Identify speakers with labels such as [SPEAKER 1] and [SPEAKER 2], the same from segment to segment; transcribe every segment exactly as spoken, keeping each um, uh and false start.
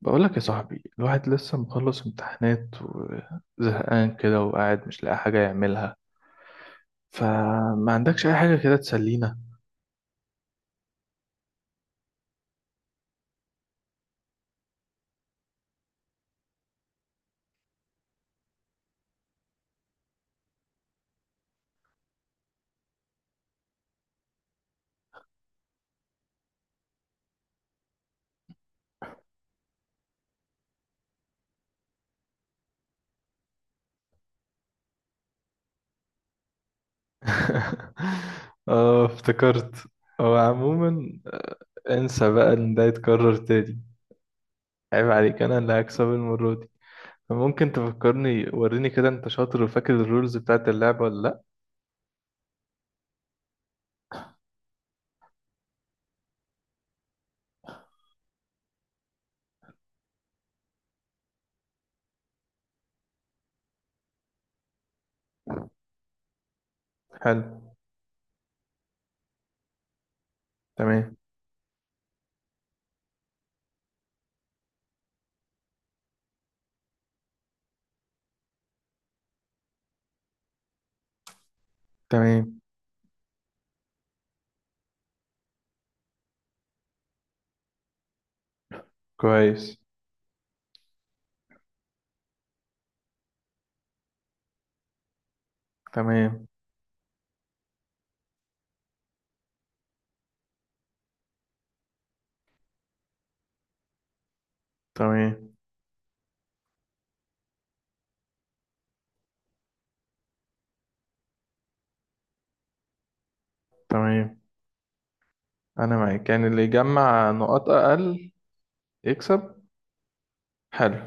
[SPEAKER 1] بقولك يا صاحبي، الواحد لسه مخلص امتحانات وزهقان كده وقاعد مش لاقي حاجة يعملها. فما عندكش أي حاجة كده تسلينا؟ اه، افتكرت. هو عموما آه، انسى بقى ان ده يتكرر تاني. عيب عليك، انا اللي هكسب المرة دي. فممكن تفكرني، وريني كده انت شاطر وفاكر الرولز بتاعت اللعبة ولا لأ؟ حلو. تمام. تمام. كويس. تمام. تمام. تمام. انا معاك، يعني اللي يجمع نقاط اقل يكسب. حلو.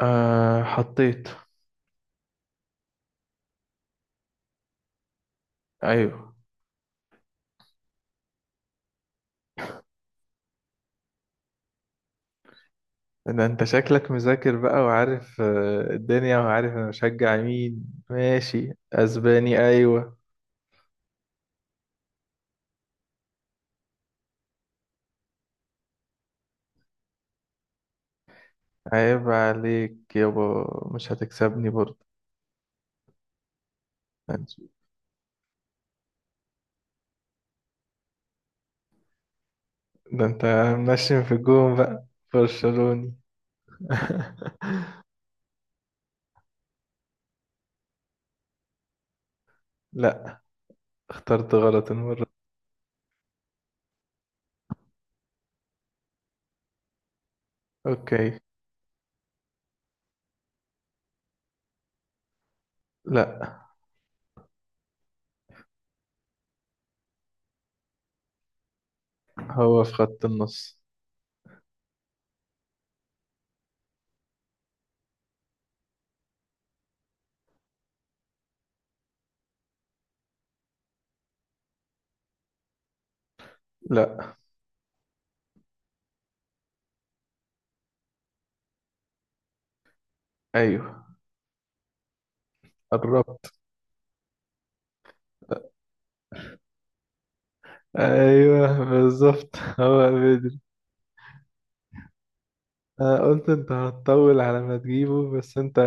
[SPEAKER 1] أه، حطيت. ايوه. ده انت شكلك مذاكر بقى وعارف آه، الدنيا، وعارف انا بشجع مين. ماشي، اسباني، ايوه. عيب عليك يابا، مش هتكسبني برضه. ده انت منشن في الجون بقى. برشلوني. لا، اخترت غلط المرة. اوكي. لا. هو في خط النص. لا. ايوه، قربت. ايوه بالظبط هو. أنا قلت انت هتطول على ما تجيبه، بس انت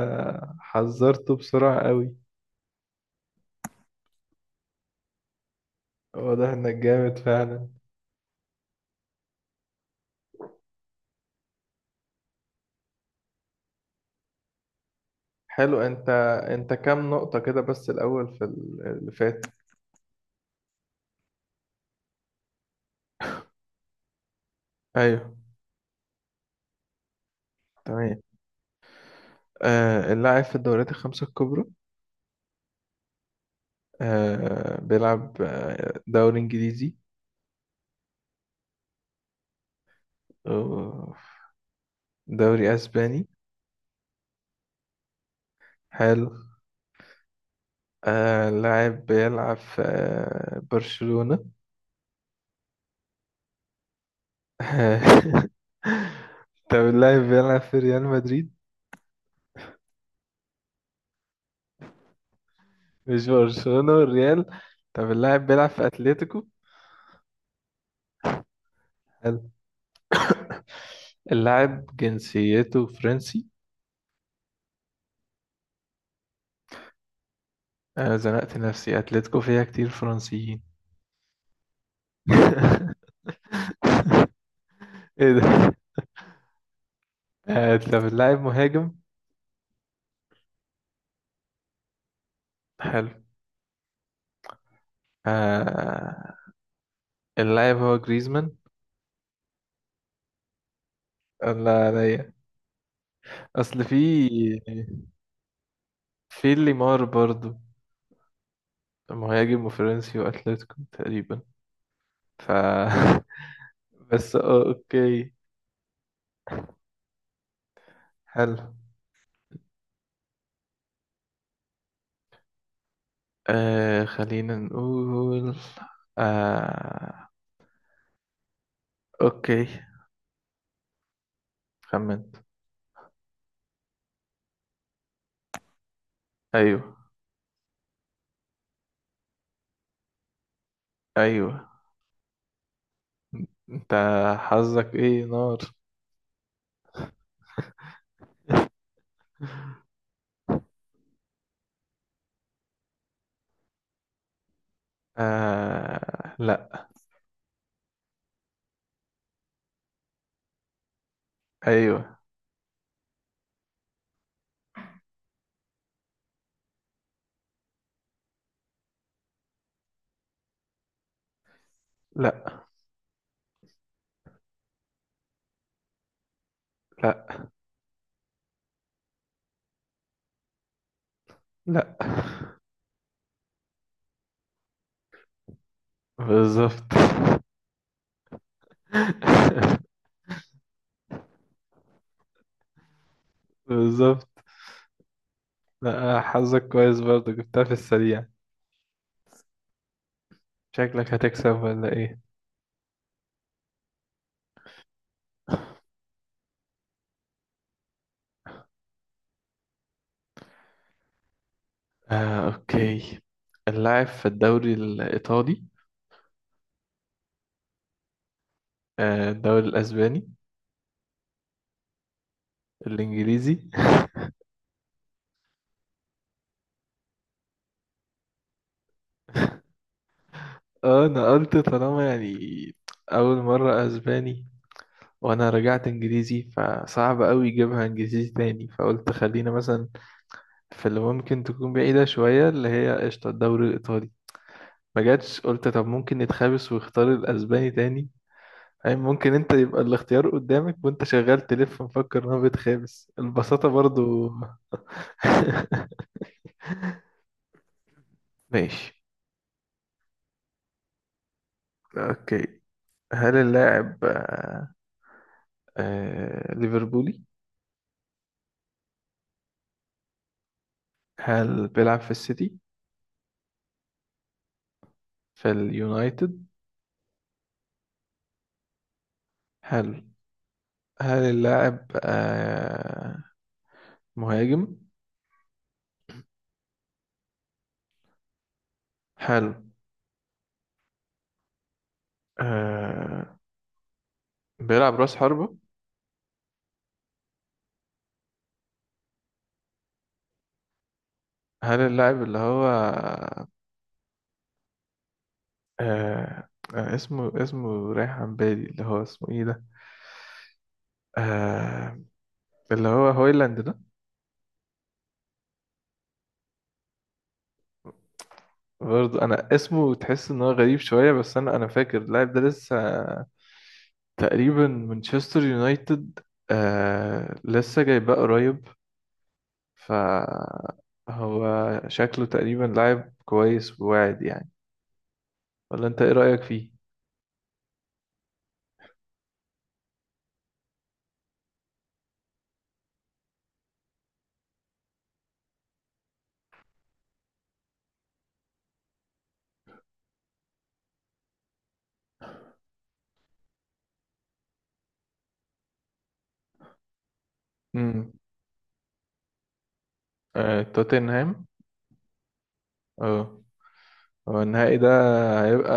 [SPEAKER 1] حذرته بسرعة قوي. واضح انك جامد فعلا. حلو. انت انت كام نقطة كده بس الأول في ال- اللي فات؟ ايوه. تمام. آه، اللاعب في الدوريات الخمسة الكبرى. آه، بيلعب آه، دوري انجليزي. أوه، دوري اسباني. حلو. آه، اللاعب بيلعب في آه برشلونة. طب اللاعب بيلعب في ريال مدريد؟ مش برشلونة والريال؟ طب اللاعب بيلعب في اتلتيكو. حلو. اللاعب جنسيته فرنسي. انا زنقت نفسي، اتلتيكو فيها كتير فرنسيين. ايه ده؟ آه، طب اللاعب مهاجم. حلو. آه، اللاعب هو جريزمان. الله عليا. اصل في في ليمار برضو. مهاجم وفرنسي واتلتيكو تقريبا. ف بس آه، اوكي. حلو. آه، خلينا نقول. آه، اوكي. خمنت. ايوه. ايوه. انت حظك ايه، نار. آه، لا. ايوه. لا. لا. لا. بالظبط. بالظبط. لا، حظك كويس برضه، جبتها في السريع. شكلك هتكسب ولا ايه؟ آه، اوكي. اللاعب في الدوري الايطالي؟ آه الدوري الاسباني؟ الانجليزي. اه، انا قلت طالما يعني اول مرة اسباني، وانا رجعت انجليزي، فصعب قوي يجيبها انجليزي تاني، فقلت خلينا مثلا في اللي ممكن تكون بعيدة شوية، اللي هي قشطة الدوري الايطالي. ما جاتش، قلت طب ممكن نتخابس واختار الاسباني تاني. يعني ممكن انت يبقى الاختيار قدامك وانت شغال تلف مفكر ان هو بيتخابس البساطة برضو. ماشي. اوكي. هل اللاعب آه، آه، ليفربولي؟ هل بيلعب في السيتي؟ في اليونايتد؟ حلو. هل اللاعب آه مهاجم؟ حلو. آه، بيلعب راس حربة. هل اللاعب اللي هو آه آه، اسمه اسمه رايح عن بالي، اللي هو اسمه ايه ده؟ آه، اللي هو هويلاند ده. برضه انا اسمه تحس ان هو غريب شوية، بس انا انا فاكر اللاعب ده لسه تقريبا مانشستر يونايتد. آه، لسه جايباه قريب. فهو شكله تقريبا لاعب كويس وواعد يعني. ولا انت ايه رأيك فيه؟ امم آه، توتنهام. اه. هو النهائي ده هيبقى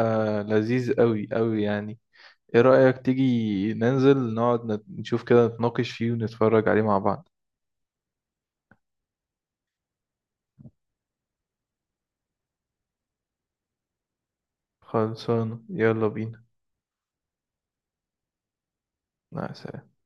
[SPEAKER 1] لذيذ قوي قوي يعني. ايه رأيك تيجي ننزل نقعد نت- نشوف كده، نتناقش فيه ونتفرج عليه مع بعض؟ خلصان، يلا بينا. مع السلامة.